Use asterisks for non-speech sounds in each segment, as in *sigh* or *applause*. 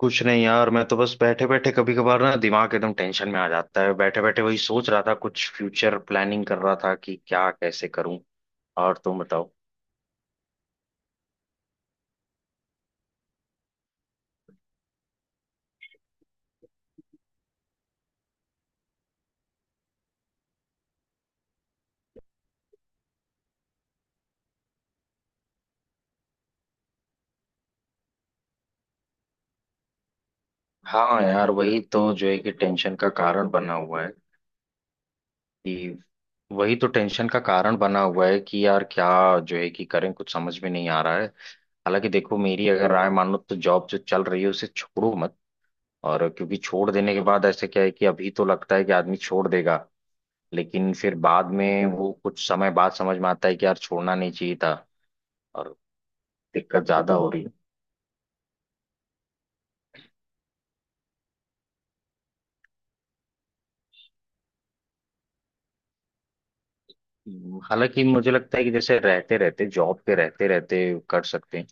कुछ नहीं यार, मैं तो बस बैठे बैठे कभी कभार ना दिमाग एकदम टेंशन में आ जाता है। बैठे बैठे वही सोच रहा था, कुछ फ्यूचर प्लानिंग कर रहा था कि क्या, कैसे करूं। और तुम बताओ। हाँ यार, वही तो जो है कि टेंशन का कारण बना हुआ है कि वही तो टेंशन का कारण बना हुआ है कि यार क्या जो है कि करें, कुछ समझ में नहीं आ रहा है। हालांकि देखो, मेरी अगर राय मानो तो जॉब जो चल रही है उसे छोड़ो मत। और क्योंकि छोड़ देने के बाद ऐसे क्या है कि अभी तो लगता है कि आदमी छोड़ देगा, लेकिन फिर बाद में वो कुछ समय बाद समझ में आता है कि यार छोड़ना नहीं चाहिए था। और दिक्कत ज्यादा हो रही है। हम्म। हालांकि मुझे लगता है कि जैसे रहते रहते, जॉब पे रहते रहते कर सकते हैं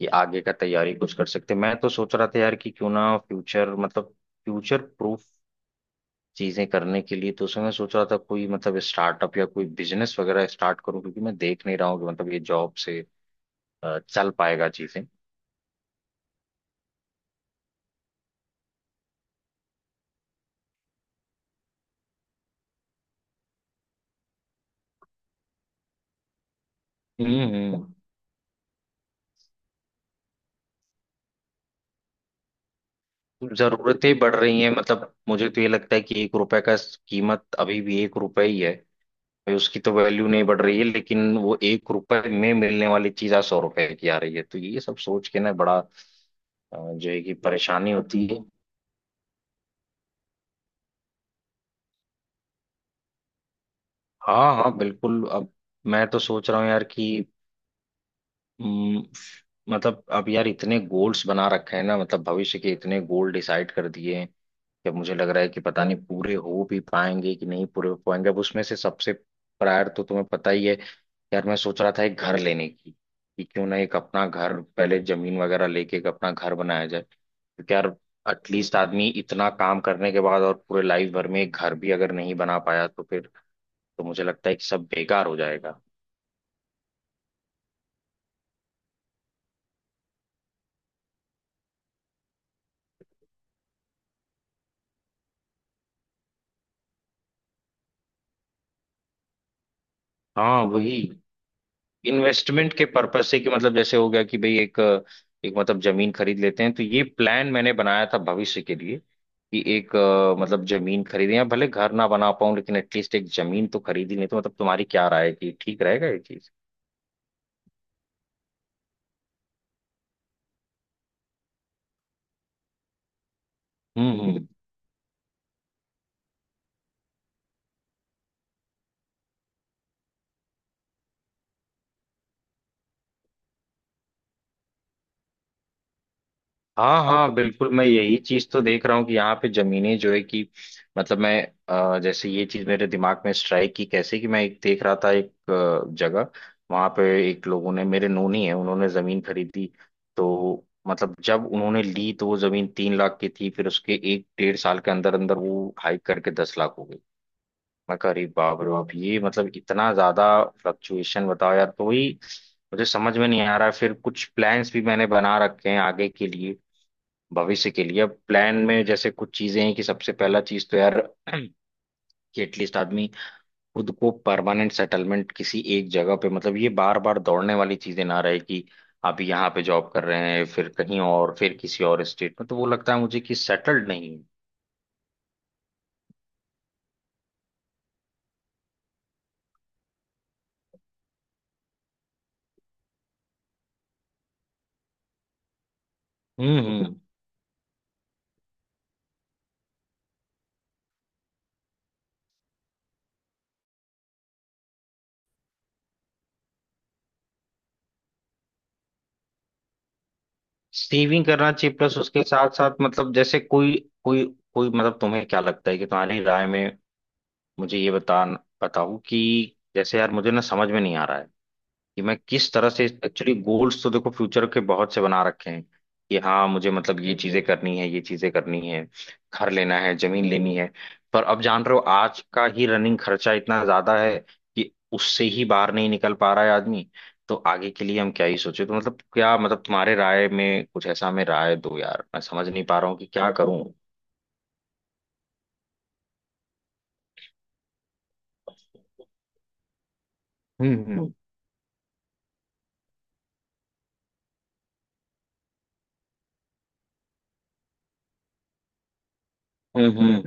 कि आगे का तैयारी कुछ कर सकते हैं। मैं तो सोच रहा था यार कि क्यों ना फ्यूचर मतलब फ्यूचर प्रूफ चीजें करने के लिए, तो उसमें मैं सोच रहा था कोई मतलब स्टार्टअप या कोई बिजनेस वगैरह स्टार्ट करूं, क्योंकि मैं देख नहीं रहा हूँ कि मतलब ये जॉब से चल पाएगा चीजें। हम्म हम्म। जरूरतें बढ़ रही हैं, मतलब मुझे तो ये लगता है कि 1 रुपए का कीमत अभी भी 1 रुपए ही है भाई। उसकी तो वैल्यू नहीं बढ़ रही है, लेकिन वो 1 रुपए में मिलने वाली चीज आज 100 रुपए की आ रही है। तो ये सब सोच के ना बड़ा जो है कि परेशानी होती है। हाँ हाँ, बिल्कुल। अब मैं तो सोच रहा हूँ यार कि हम्म, मतलब अब यार इतने गोल्स बना रखे हैं ना, मतलब भविष्य के इतने गोल डिसाइड कर दिए हैं, जब मुझे लग रहा है कि पता नहीं पूरे हो भी पाएंगे कि नहीं पूरे हो पाएंगे। अब उसमें से सबसे प्रायर तो तुम्हें पता ही है, यार मैं सोच रहा था एक घर लेने की कि क्यों ना एक अपना घर पहले, जमीन वगैरह लेके एक अपना घर बनाया जाए। क्योंकि यार एटलीस्ट आदमी इतना काम करने के बाद और पूरे लाइफ भर में एक घर भी अगर नहीं बना पाया तो फिर तो मुझे लगता है कि सब बेकार हो जाएगा। हाँ वही, इन्वेस्टमेंट के पर्पज से कि मतलब जैसे हो गया कि भाई एक एक मतलब जमीन खरीद लेते हैं, तो ये प्लान मैंने बनाया था भविष्य के लिए कि एक मतलब जमीन खरीदें, या भले घर ना बना पाऊं लेकिन एटलीस्ट एक जमीन तो खरीदी। नहीं तो मतलब, तुम्हारी क्या राय है कि ठीक रहेगा ये चीज? हम्म। हाँ और हाँ, बिल्कुल मैं यही चीज तो देख रहा हूँ कि यहाँ पे जमीनें जो है कि मतलब मैं जैसे ये चीज मेरे दिमाग में स्ट्राइक की कैसे कि मैं एक देख रहा था एक जगह। वहां पे एक लोगों ने, मेरे नोनी है, उन्होंने जमीन खरीदी। तो मतलब जब उन्होंने ली तो वो जमीन 3 लाख की थी, फिर उसके 1 डेढ़ साल के अंदर अंदर वो हाइक करके 10 लाख हो गई। मैं कह रही बाप रे बाप ये मतलब इतना ज्यादा फ्लक्चुएशन, बताओ यार। तो ही मुझे समझ में नहीं आ रहा है। फिर कुछ प्लान्स भी मैंने बना रखे हैं आगे के लिए, भविष्य के लिए। अब प्लान में जैसे कुछ चीजें हैं कि सबसे पहला चीज तो यार *clears throat* कि एटलीस्ट आदमी खुद को परमानेंट सेटलमेंट किसी एक जगह पे, मतलब ये बार बार दौड़ने वाली चीजें ना रहे कि आप यहाँ पे जॉब कर रहे हैं फिर कहीं और, फिर किसी और स्टेट में, तो वो लगता है मुझे कि सेटल्ड नहीं है। हम्म। सेविंग करना चाहिए प्लस उसके साथ साथ, मतलब जैसे कोई कोई कोई मतलब तुम्हें क्या लगता है कि तुम्हारी राय में मुझे ये बताओ कि जैसे यार, मुझे ना समझ में नहीं आ रहा है कि मैं किस तरह से एक्चुअली गोल्स तो देखो फ्यूचर के बहुत से बना रखे हैं कि हाँ, मुझे मतलब ये चीजें करनी है, ये चीजें करनी है, घर लेना है, जमीन लेनी है। पर अब जान रहे हो आज का ही रनिंग खर्चा इतना ज्यादा है कि उससे ही बाहर नहीं निकल पा रहा है आदमी, तो आगे के लिए हम क्या ही सोचे। तो मतलब क्या, मतलब तुम्हारे राय में कुछ ऐसा हमें राय दो यार, मैं समझ नहीं पा रहा हूँ कि क्या करूँ। हम्म हम्म।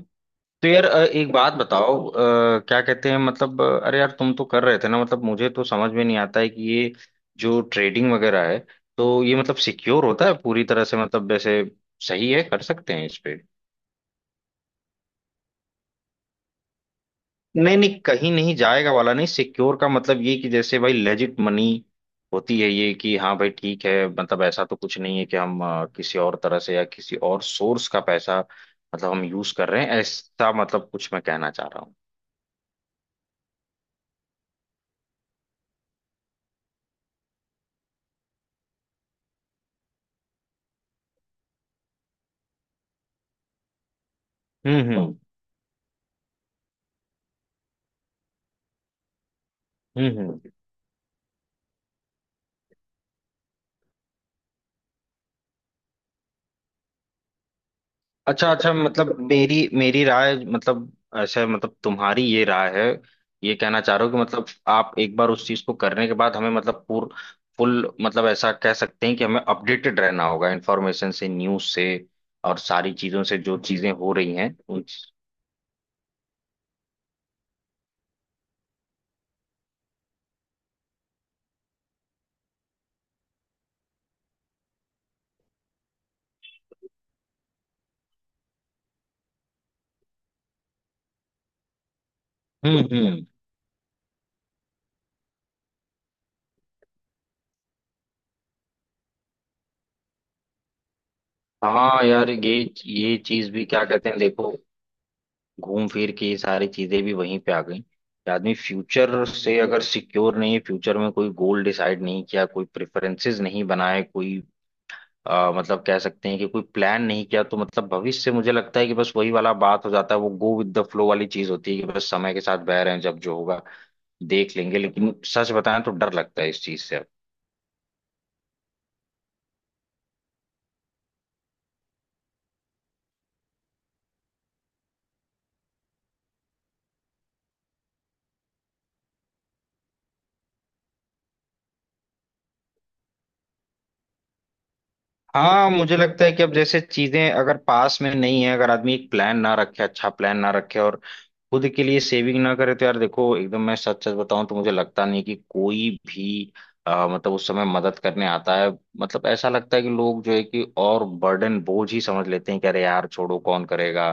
तो यार एक बात बताओ क्या कहते हैं मतलब अरे यार, तुम तो कर रहे थे ना मतलब, मुझे तो समझ में नहीं आता है कि ये जो ट्रेडिंग वगैरह है, तो ये मतलब सिक्योर होता है पूरी तरह से, मतलब जैसे सही है, कर सकते हैं इस पे? नहीं नहीं, कहीं नहीं जाएगा वाला नहीं, सिक्योर का मतलब ये कि जैसे भाई लेजिट मनी होती है ये, कि हाँ भाई ठीक है, मतलब ऐसा तो कुछ नहीं है कि हम किसी और तरह से या किसी और सोर्स का पैसा मतलब हम यूज कर रहे हैं ऐसा, मतलब कुछ मैं कहना चाह रहा हूँ। हम्म हम्म हम्म। अच्छा अच्छा, मतलब मेरी मेरी राय मतलब ऐसे, मतलब तुम्हारी ये राय है, ये कहना चाह रहे हो कि मतलब आप एक बार उस चीज को करने के बाद हमें मतलब पूर फुल मतलब ऐसा कह सकते हैं कि हमें अपडेटेड रहना होगा इन्फॉर्मेशन से, न्यूज से और सारी चीजों से, जो चीजें हो रही हैं उन। हम्म। हाँ यार, ये चीज भी क्या कहते हैं देखो, घूम फिर के ये सारी चीजें भी वहीं पे आ गई कि आदमी फ्यूचर से अगर सिक्योर नहीं है, फ्यूचर में कोई गोल डिसाइड नहीं किया, कोई प्रेफरेंसेस नहीं बनाए, कोई मतलब कह सकते हैं कि कोई प्लान नहीं किया, तो मतलब भविष्य से मुझे लगता है कि बस वही वाला बात हो जाता है, वो गो विद द फ्लो वाली चीज होती है कि बस समय के साथ बह रहे हैं, जब जो होगा देख लेंगे। लेकिन सच बताएं तो डर लगता है इस चीज से अब। हाँ, मुझे लगता है कि अब जैसे चीजें अगर पास में नहीं है, अगर आदमी एक प्लान ना रखे, अच्छा प्लान ना रखे और खुद के लिए सेविंग ना करे, तो यार देखो एकदम मैं सच सच बताऊं तो मुझे लगता नहीं कि कोई भी मतलब उस समय मदद करने आता है। मतलब ऐसा लगता है कि लोग जो है कि और बर्डन, बोझ ही समझ लेते हैं कि अरे यार छोड़ो, कौन करेगा,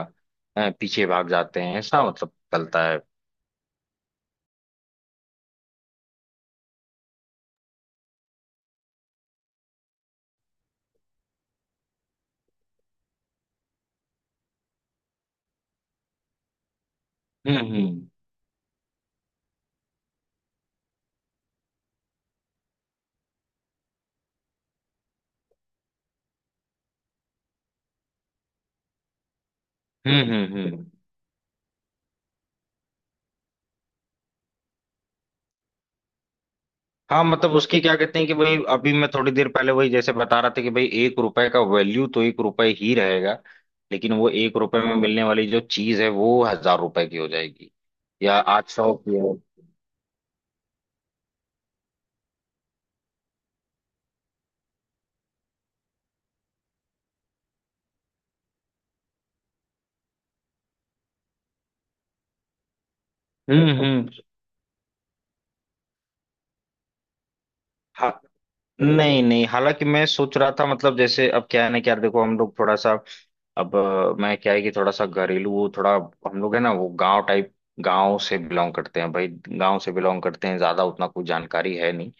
पीछे भाग जाते हैं, ऐसा मतलब चलता है। हम्म हम्म हम्म। हाँ, मतलब उसकी क्या कहते हैं कि भाई अभी मैं थोड़ी देर पहले वही जैसे बता रहा था कि भाई 1 रुपए का वैल्यू तो 1 रुपए ही रहेगा, लेकिन वो एक रुपए में मिलने वाली जो चीज है वो 1,000 रुपए की हो जाएगी, या 800 की हो। हम्म। हाँ। नहीं नहीं, हालांकि मैं सोच रहा था मतलब जैसे अब क्या है ना कि यार देखो, हम लोग थोड़ा सा अब मैं क्या है कि थोड़ा सा घरेलू वो थोड़ा, हम लोग है ना वो गांव टाइप, गांव से बिलोंग करते हैं भाई, गांव से बिलोंग करते हैं, ज्यादा उतना कुछ जानकारी है नहीं।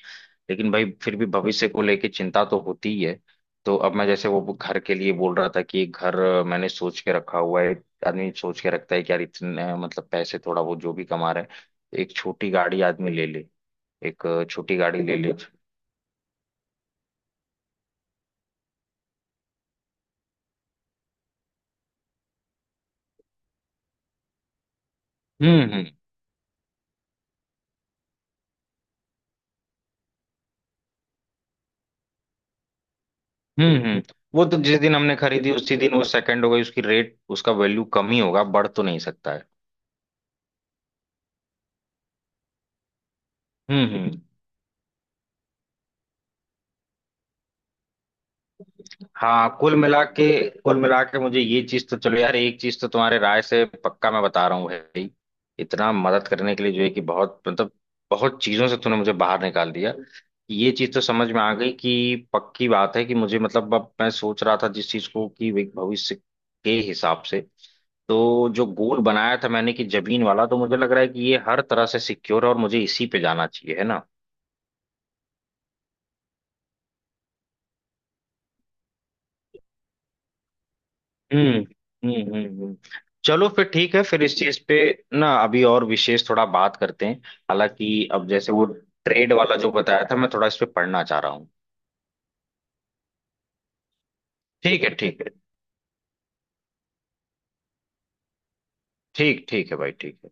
लेकिन भाई, फिर भी भविष्य को लेके चिंता तो होती ही है। तो अब मैं जैसे वो घर के लिए बोल रहा था कि एक घर मैंने सोच के रखा हुआ है। आदमी सोच के रखता है कि यार इतने मतलब पैसे थोड़ा वो जो भी कमा रहे हैं, एक छोटी गाड़ी आदमी ले ले, एक छोटी गाड़ी ले ले। हम्म हम्म हम्म। वो तो जिस दिन हमने खरीदी उसी दिन वो सेकंड हो गई, उसकी रेट, उसका वैल्यू कम ही होगा, बढ़ तो नहीं सकता है। हम्म। हाँ कुल मिला के, कुल मिला के मुझे ये चीज तो चलो यार, एक चीज तो तुम्हारे राय से पक्का मैं बता रहा हूँ भाई। इतना मदद करने के लिए जो है कि बहुत, मतलब बहुत चीजों से तूने मुझे बाहर निकाल दिया। ये चीज तो समझ में आ गई कि पक्की बात है कि मुझे, मतलब अब मैं सोच रहा था जिस चीज को, कि वे भविष्य के हिसाब से, तो जो गोल बनाया था मैंने कि जमीन वाला, तो मुझे लग रहा है कि ये हर तरह से सिक्योर है और मुझे इसी पे जाना चाहिए, है ना? हम्म हम्म हम्म हम्म। चलो फिर ठीक है, फिर इस चीज पे ना अभी और विशेष थोड़ा बात करते हैं। हालांकि अब जैसे वो ट्रेड वाला जो बताया था, मैं थोड़ा इस पे पढ़ना चाह रहा हूँ। ठीक है, ठीक है। ठीक ठीक है भाई, ठीक है।